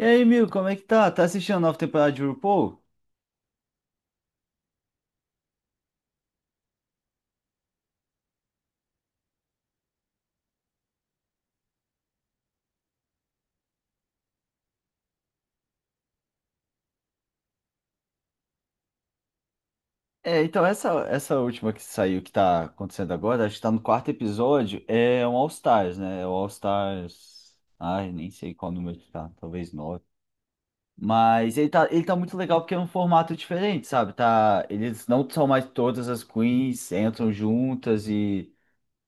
E aí, Mil, como é que tá? Tá assistindo a nova temporada de RuPaul? É, então essa última que saiu, que tá acontecendo agora, acho que tá no quarto episódio, é um All Stars, né? É o All Stars. Ai, nem sei qual número que tá, talvez nove. Mas ele tá muito legal porque é um formato diferente, sabe? Tá, eles não são mais todas as queens, entram juntas e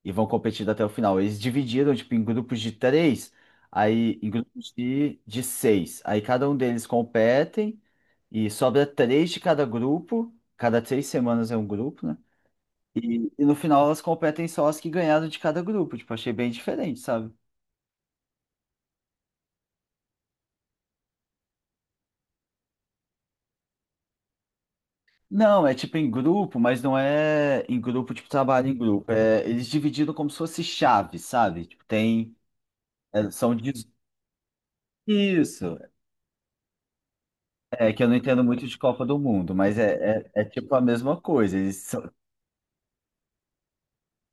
e vão competindo até o final. Eles dividiram, tipo, em grupos de três, aí em grupos de seis. Aí cada um deles competem e sobra três de cada grupo. Cada três semanas é um grupo, né? E no final elas competem só as que ganharam de cada grupo. Tipo, achei bem diferente, sabe? Não, é tipo em grupo, mas não é em grupo, tipo, trabalho em grupo. É, eles dividiram como se fosse chave, sabe? Tipo, tem. É, são de. Isso. É que eu não entendo muito de Copa do Mundo, mas é tipo a mesma coisa.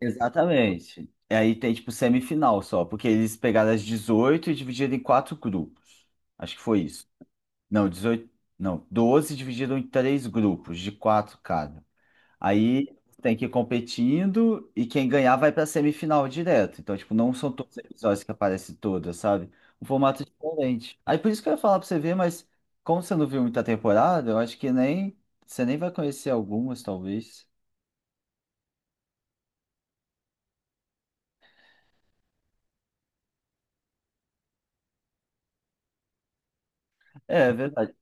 Exatamente. E aí tem tipo semifinal só, porque eles pegaram as 18 e dividiram em quatro grupos. Acho que foi isso. Não, 18. Não, 12 dividiram em três grupos, de quatro cada. Aí tem que ir competindo e quem ganhar vai pra semifinal direto. Então, tipo, não são todos os episódios que aparecem todas, sabe? Um formato diferente. Aí por isso que eu ia falar pra você ver, mas como você não viu muita temporada, eu acho que nem você nem vai conhecer algumas, talvez. É, é verdade.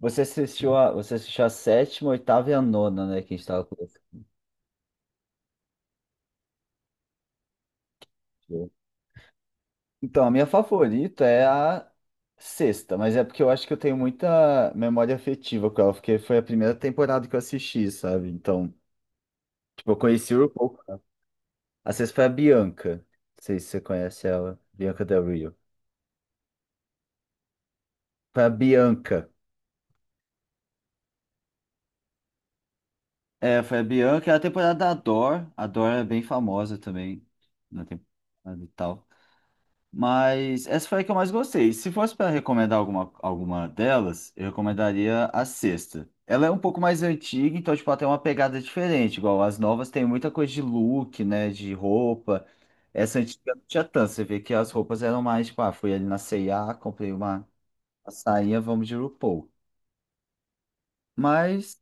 Você assistiu a sétima, oitava e a nona, né? Que a gente tava conversando. Então, a minha favorita é a sexta, mas é porque eu acho que eu tenho muita memória afetiva com ela, porque foi a primeira temporada que eu assisti, sabe? Então, eu conheci o RuPaul, cara. A sexta foi a Bianca. Não sei se você conhece ela. Bianca Del Rio. Foi a Bianca. É, foi a Bianca. É a temporada da Dor. A Dor é bem famosa também na temporada e tal. Mas essa foi a que eu mais gostei. Se fosse para recomendar alguma, alguma delas, eu recomendaria a sexta. Ela é um pouco mais antiga, então, tipo, ela tem uma pegada diferente. Igual as novas tem muita coisa de look, né? De roupa. Essa antiga não tinha tanto. Você vê que as roupas eram mais, tipo, ah, fui ali na C&A, comprei uma a sainha, vamos de RuPaul. Mas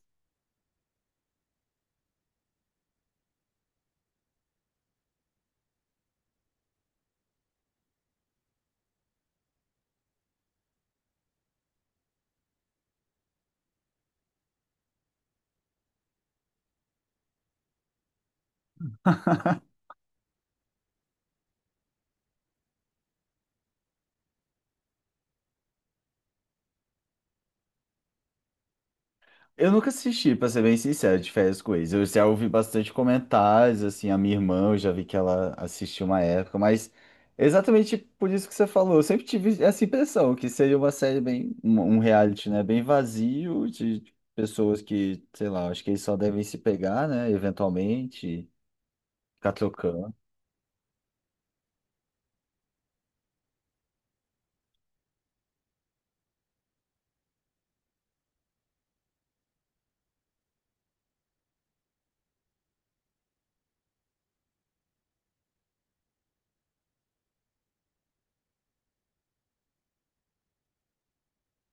eu nunca assisti, pra ser bem sincero, de férias com ex. Eu já ouvi bastante comentários, assim, a minha irmã, eu já vi que ela assistiu uma época, mas exatamente por isso que você falou, eu sempre tive essa impressão, que seria uma série bem, um reality, né, bem vazio, de pessoas que, sei lá, acho que eles só devem se pegar, né, eventualmente, ficar trocando.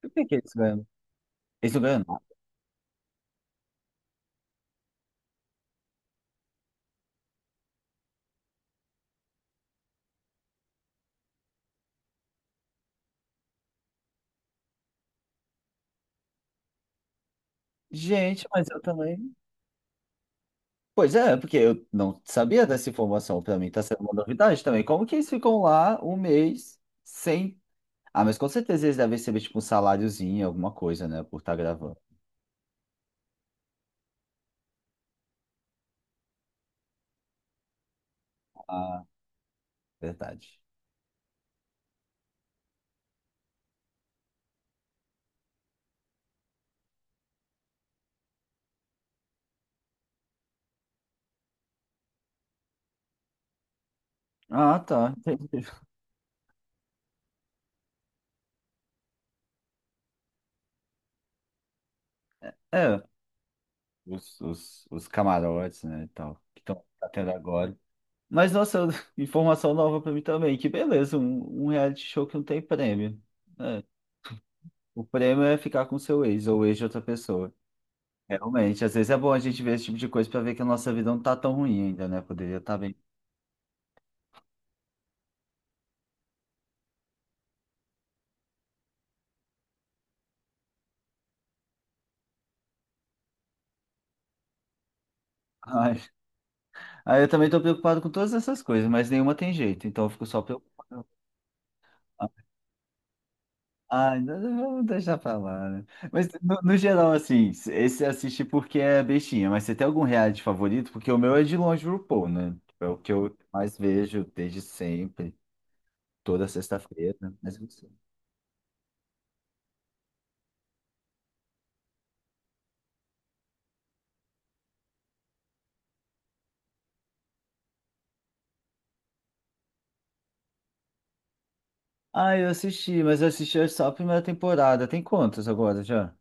Por que que eles ganham? Eles não ganham nada. Gente, mas eu também. Pois é, porque eu não sabia dessa informação. Para mim, tá sendo uma novidade também. Como que eles ficam lá um mês sem. Ah, mas com certeza eles devem receber tipo um saláriozinho, alguma coisa, né? Por estar gravando. Ah, verdade. Ah, tá, entendi. É, os camarotes, né? E tal, que estão tendo agora. Mas, nossa, informação nova para mim também. Que beleza, um reality show que não tem prêmio. É, o prêmio é ficar com seu ex ou ex de outra pessoa. Realmente, às vezes é bom a gente ver esse tipo de coisa para ver que a nossa vida não tá tão ruim ainda, né? Poderia estar bem. Ai, aí eu também tô preocupado com todas essas coisas, mas nenhuma tem jeito, então eu fico só preocupado. Ai, não, vamos deixar pra lá, né? Mas no geral, assim, esse assiste porque é bestinha, mas você tem algum reality favorito? Porque o meu é de longe o RuPaul, né? Tipo, é o que eu mais vejo desde sempre, toda sexta-feira, né? Mas você. Ah, eu assisti, mas eu assisti só a primeira temporada. Tem quantas agora já?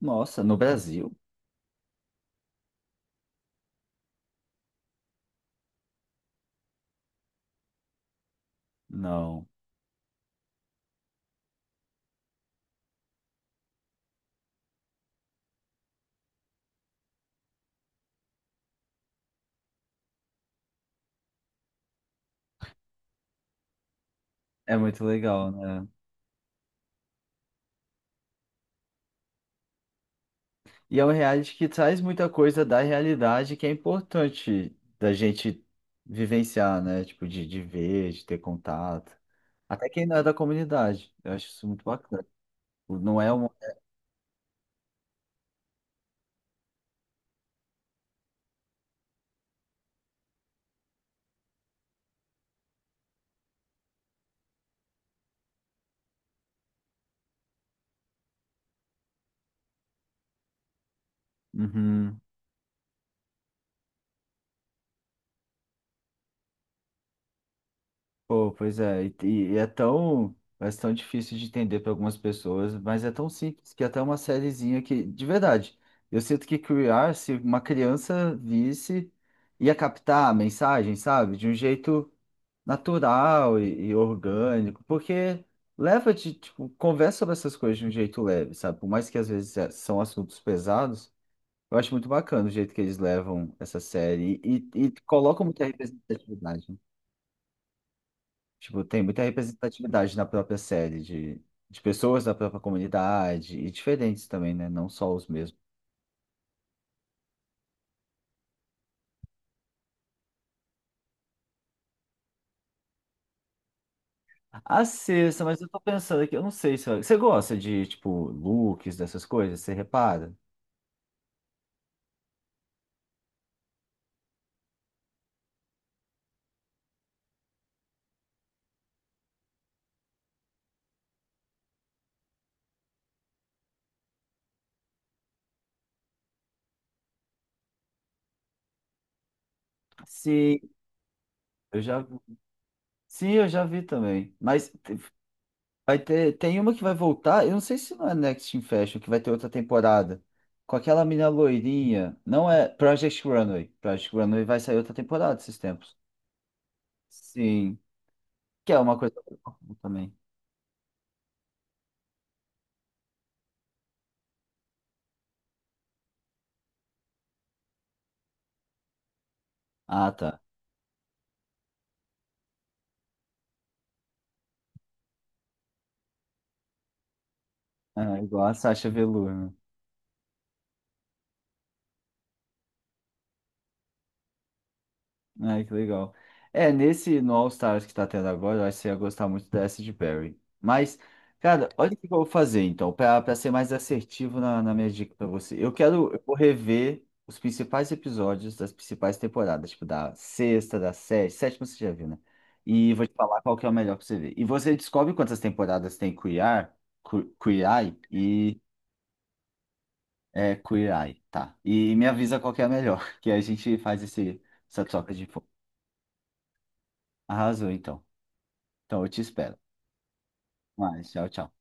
Nossa, no Brasil? Não. É muito legal, né? E é um reality que traz muita coisa da realidade que é importante da gente vivenciar, né? Tipo, de ver, de ter contato. Até quem não é da comunidade. Eu acho isso muito bacana. Tipo, não é uma. Uhum. Pô, pois é. E, é tão. É tão difícil de entender para algumas pessoas, mas é tão simples que até uma sériezinha que, de verdade, eu sinto que criar, se uma criança visse, ia captar a mensagem, sabe? De um jeito natural e orgânico, porque leva de, tipo, conversa sobre essas coisas de um jeito leve, sabe? Por mais que às vezes são assuntos pesados, eu acho muito bacana o jeito que eles levam essa série e colocam muita representatividade, né? Tipo, tem muita representatividade na própria série de pessoas da própria comunidade e diferentes também, né? Não só os mesmos. A sexta, mas eu tô pensando aqui, eu não sei se você gosta de, tipo, looks, dessas coisas, você repara? Sim, eu já. Sim, eu já vi também. Mas vai ter, tem uma que vai voltar, eu não sei se não é Next in Fashion, que vai ter outra temporada. Com aquela mina loirinha, não é Project Runway. Project Runway vai sair outra temporada esses tempos. Sim, que é uma coisa também. Ah, tá. Ah, igual a Sasha Velour, né? Ai, que legal. É, nesse no All Stars que tá tendo agora, eu acho que você ia gostar muito dessa de Barry. Mas, cara, olha o que eu vou fazer então, pra ser mais assertivo na minha dica pra você. Eu vou rever os principais episódios das principais temporadas, tipo da sexta, da sétima, sétima você já viu, né? E vou te falar qual que é o melhor pra você ver. E você descobre quantas temporadas tem Queer, Queer Eye, é, Queer Eye, tá? E me avisa qual que é a melhor, que a gente faz essa troca de info. Arrasou então. Então eu te espero. Mas, tchau, tchau.